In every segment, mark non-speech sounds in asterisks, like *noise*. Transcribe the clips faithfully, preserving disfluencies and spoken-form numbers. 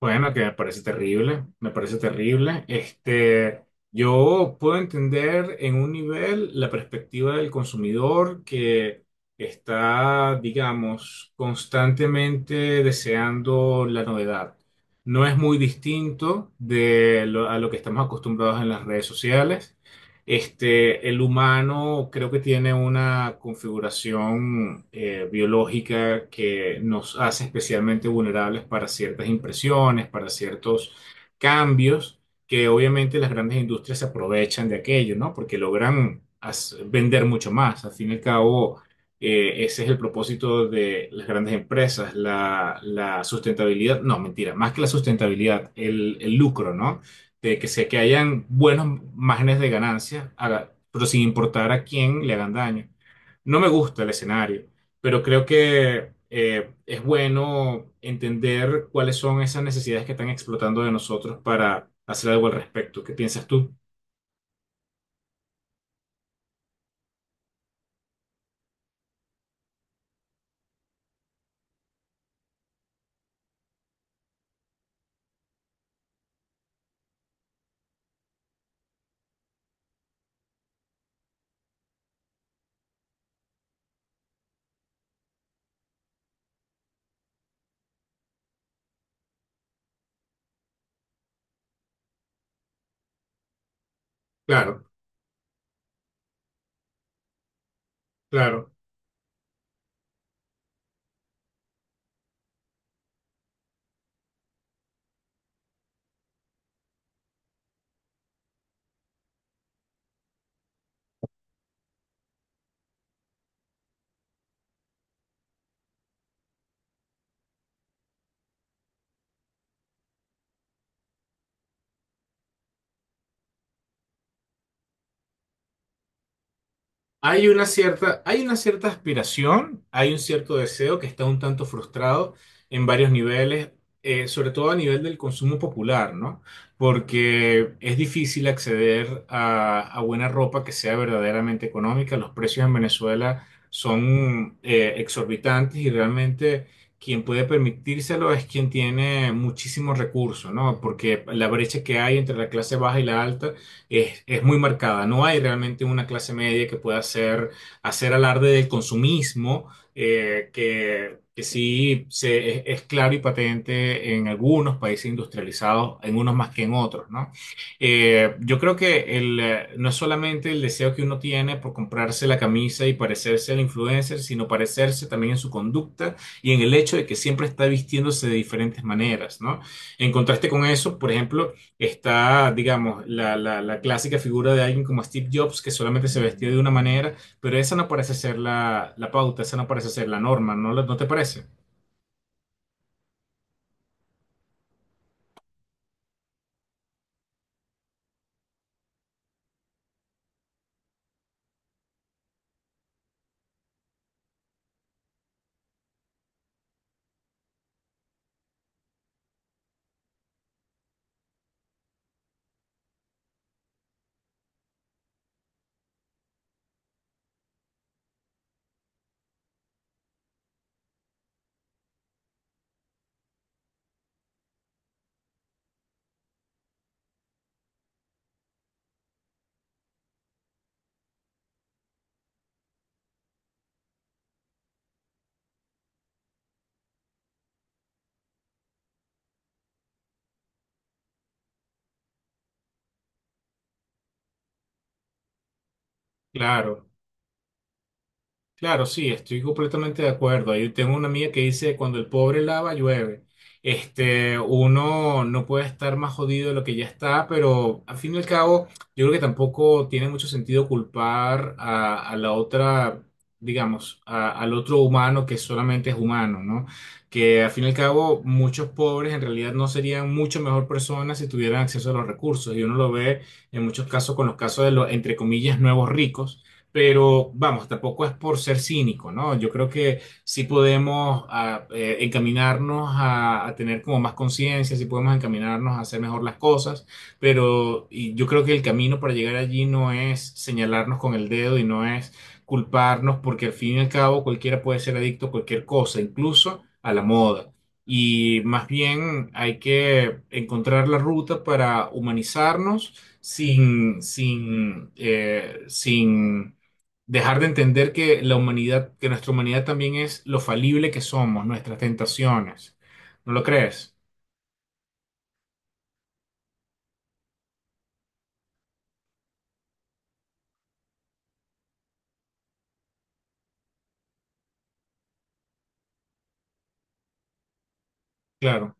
Bueno, que me parece terrible, me parece terrible. Este, yo puedo entender en un nivel la perspectiva del consumidor que está, digamos, constantemente deseando la novedad. No es muy distinto de lo- a lo que estamos acostumbrados en las redes sociales. Este, el humano creo que tiene una configuración eh, biológica que nos hace especialmente vulnerables para ciertas impresiones, para ciertos cambios, que obviamente las grandes industrias se aprovechan de aquello, ¿no? Porque logran as- vender mucho más. Al fin y al cabo, eh, ese es el propósito de las grandes empresas, la, la sustentabilidad, no, mentira, más que la sustentabilidad, el, el lucro, ¿no? De que sea que hayan buenos márgenes de ganancia, haga- pero sin importar a quién le hagan daño. No me gusta el escenario, pero creo que eh, es bueno entender cuáles son esas necesidades que están explotando de nosotros para hacer algo al respecto. ¿Qué piensas tú? Claro, claro. Hay una cierta, hay una cierta aspiración, hay un cierto deseo que está un tanto frustrado en varios niveles, eh, sobre todo a nivel del consumo popular, ¿no? Porque es difícil acceder a, a buena ropa que sea verdaderamente económica. Los precios en Venezuela son eh, exorbitantes y realmente quien puede permitírselo es quien tiene muchísimos recursos, ¿no? Porque la brecha que hay entre la clase baja y la alta es, es muy marcada. No hay realmente una clase media que pueda hacer, hacer alarde del consumismo, eh, que, que sí se, es, es claro y patente en algunos países industrializados, en unos más que en otros, ¿no? Eh, yo creo que el, eh, no es solamente el deseo que uno tiene por comprarse la camisa y parecerse al influencer, sino parecerse también en su conducta y en el hecho de que siempre está vistiéndose de diferentes maneras, ¿no? En contraste con eso, por ejemplo, está, digamos, la, la, la clásica figura de alguien como Steve Jobs, que solamente se vestía de una manera, pero esa no parece ser la, la pauta, esa no parece ser la norma, ¿no, lo- no te parece? Claro. Claro, sí, estoy completamente de acuerdo. Yo tengo una amiga que dice, cuando el pobre lava, llueve. Este, uno no puede estar más jodido de lo que ya está, pero al fin y al cabo, yo creo que tampoco tiene mucho sentido culpar a, a la otra, digamos, a- al otro humano que solamente es humano, ¿no? Que al fin y al cabo, muchos pobres en realidad no serían mucho mejor personas si tuvieran acceso a los recursos. Y uno lo ve en muchos casos con los casos de los, entre comillas, nuevos ricos. Pero vamos, tampoco es por ser cínico, ¿no? Yo creo que sí podemos ah, eh, encaminarnos a, a tener como más conciencia, sí podemos encaminarnos a hacer mejor las cosas, pero y yo creo que el camino para llegar allí no es señalarnos con el dedo y no es culparnos, porque al fin y al cabo cualquiera puede ser adicto a cualquier cosa, incluso a la moda. Y más bien hay que encontrar la ruta para humanizarnos sin, sin, eh, sin dejar de entender que la humanidad, que nuestra humanidad también es lo falible que somos, nuestras tentaciones. ¿No lo crees? Claro.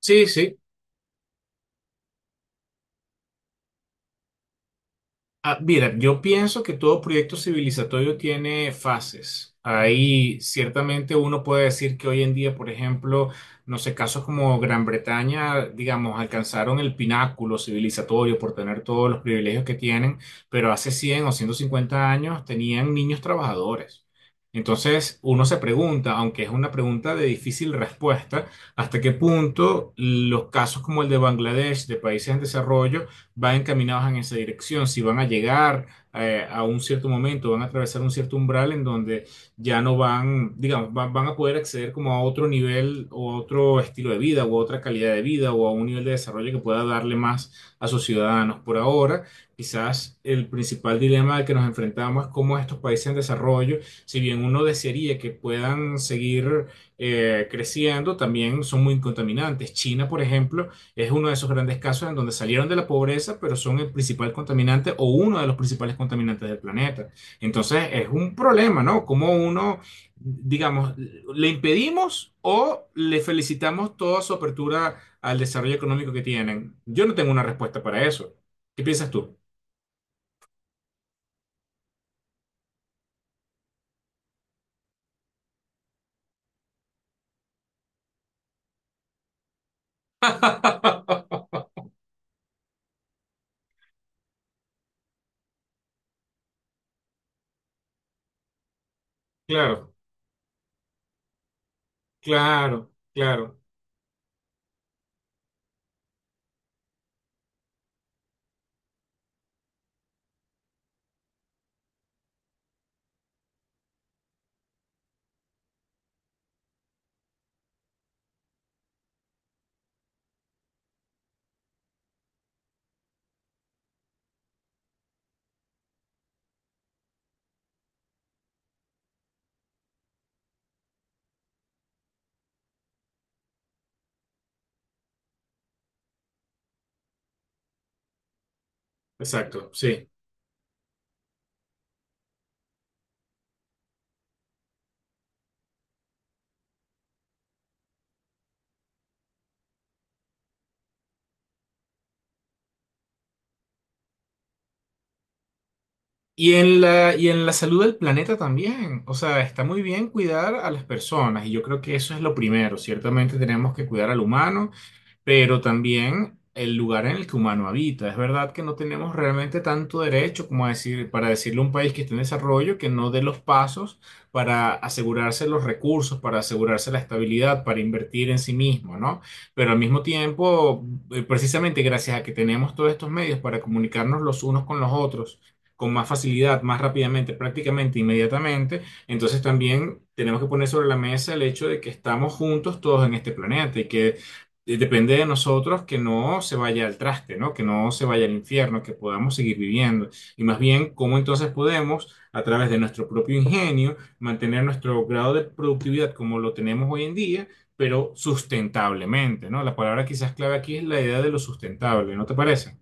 Sí, sí. Ah, mira, yo pienso que todo proyecto civilizatorio tiene fases. Ahí ciertamente uno puede decir que hoy en día, por ejemplo, no sé, casos como Gran Bretaña, digamos, alcanzaron el pináculo civilizatorio por tener todos los privilegios que tienen, pero hace cien o ciento cincuenta años tenían niños trabajadores. Entonces, uno se pregunta, aunque es una pregunta de difícil respuesta, hasta qué punto los casos como el de Bangladesh, de países en desarrollo, van encaminados en esa dirección, si van a llegar eh, a un cierto momento, van a atravesar un cierto umbral en donde ya no van, digamos, van, van a poder acceder como a otro nivel o a otro estilo de vida o a otra calidad de vida o a un nivel de desarrollo que pueda darle más a sus ciudadanos. Por ahora, quizás el principal dilema al que nos enfrentamos es cómo estos países en desarrollo, si bien uno desearía que puedan seguir eh, creciendo, también son muy contaminantes. China, por ejemplo, es uno de esos grandes casos en donde salieron de la pobreza, pero son el principal contaminante o uno de los principales contaminantes del planeta. Entonces es un problema, ¿no? Como uno, digamos, le impedimos o le felicitamos toda su apertura al desarrollo económico que tienen. Yo no tengo una respuesta para eso. ¿Qué piensas tú? *laughs* Claro, claro, claro. Exacto, sí. Y en la, y en la salud del planeta también. O sea, está muy bien cuidar a las personas y yo creo que eso es lo primero. Ciertamente tenemos que cuidar al humano pero también el lugar en el que humano habita. Es verdad que no tenemos realmente tanto derecho como a decir, para decirle a un país que está en desarrollo que no dé los pasos para asegurarse los recursos, para asegurarse la estabilidad, para invertir en sí mismo, ¿no? Pero al mismo tiempo, eh, precisamente gracias a que tenemos todos estos medios para comunicarnos los unos con los otros, con más facilidad, más rápidamente, prácticamente inmediatamente, entonces también tenemos que poner sobre la mesa el hecho de que estamos juntos todos en este planeta y que y Depende de nosotros que no se vaya al traste, ¿no? Que no se vaya al infierno, que podamos seguir viviendo. Y más bien, ¿cómo entonces podemos, a través de nuestro propio ingenio, mantener nuestro grado de productividad como lo tenemos hoy en día, pero sustentablemente? ¿No? La palabra quizás clave aquí es la idea de lo sustentable, ¿no te parece?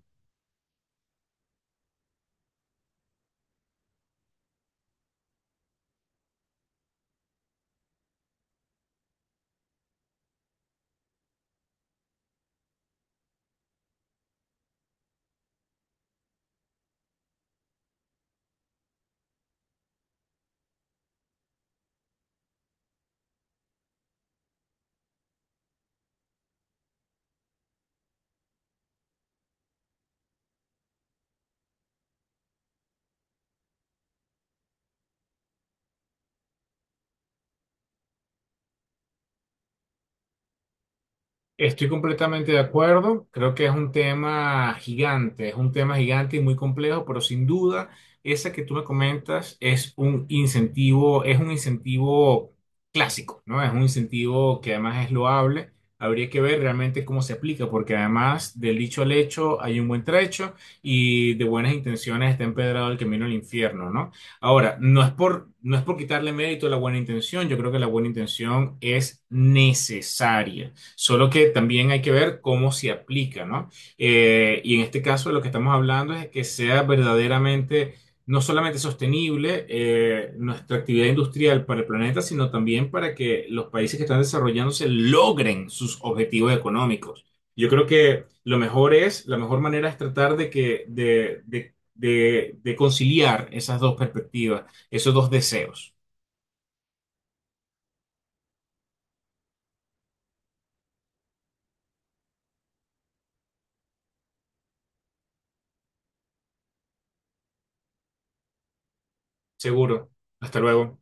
Estoy completamente de acuerdo. Creo que es un tema gigante, es un tema gigante y muy complejo, pero sin duda, esa que tú me comentas es un incentivo, es un incentivo clásico, ¿no? Es un incentivo que además es loable. Habría que ver realmente cómo se aplica, porque además del dicho al hecho hay un buen trecho y de buenas intenciones está empedrado el camino al infierno, ¿no? Ahora, no es por, no es por quitarle mérito a la buena intención, yo creo que la buena intención es necesaria. Solo que también hay que ver cómo se aplica, ¿no? Eh, y en este caso lo que estamos hablando es que sea verdaderamente, no solamente sostenible eh, nuestra actividad industrial para el planeta, sino también para que los países que están desarrollándose logren sus objetivos económicos. Yo creo que lo mejor es, la mejor manera es tratar de que, de, de, de de conciliar esas dos perspectivas, esos dos deseos. Seguro. Hasta luego.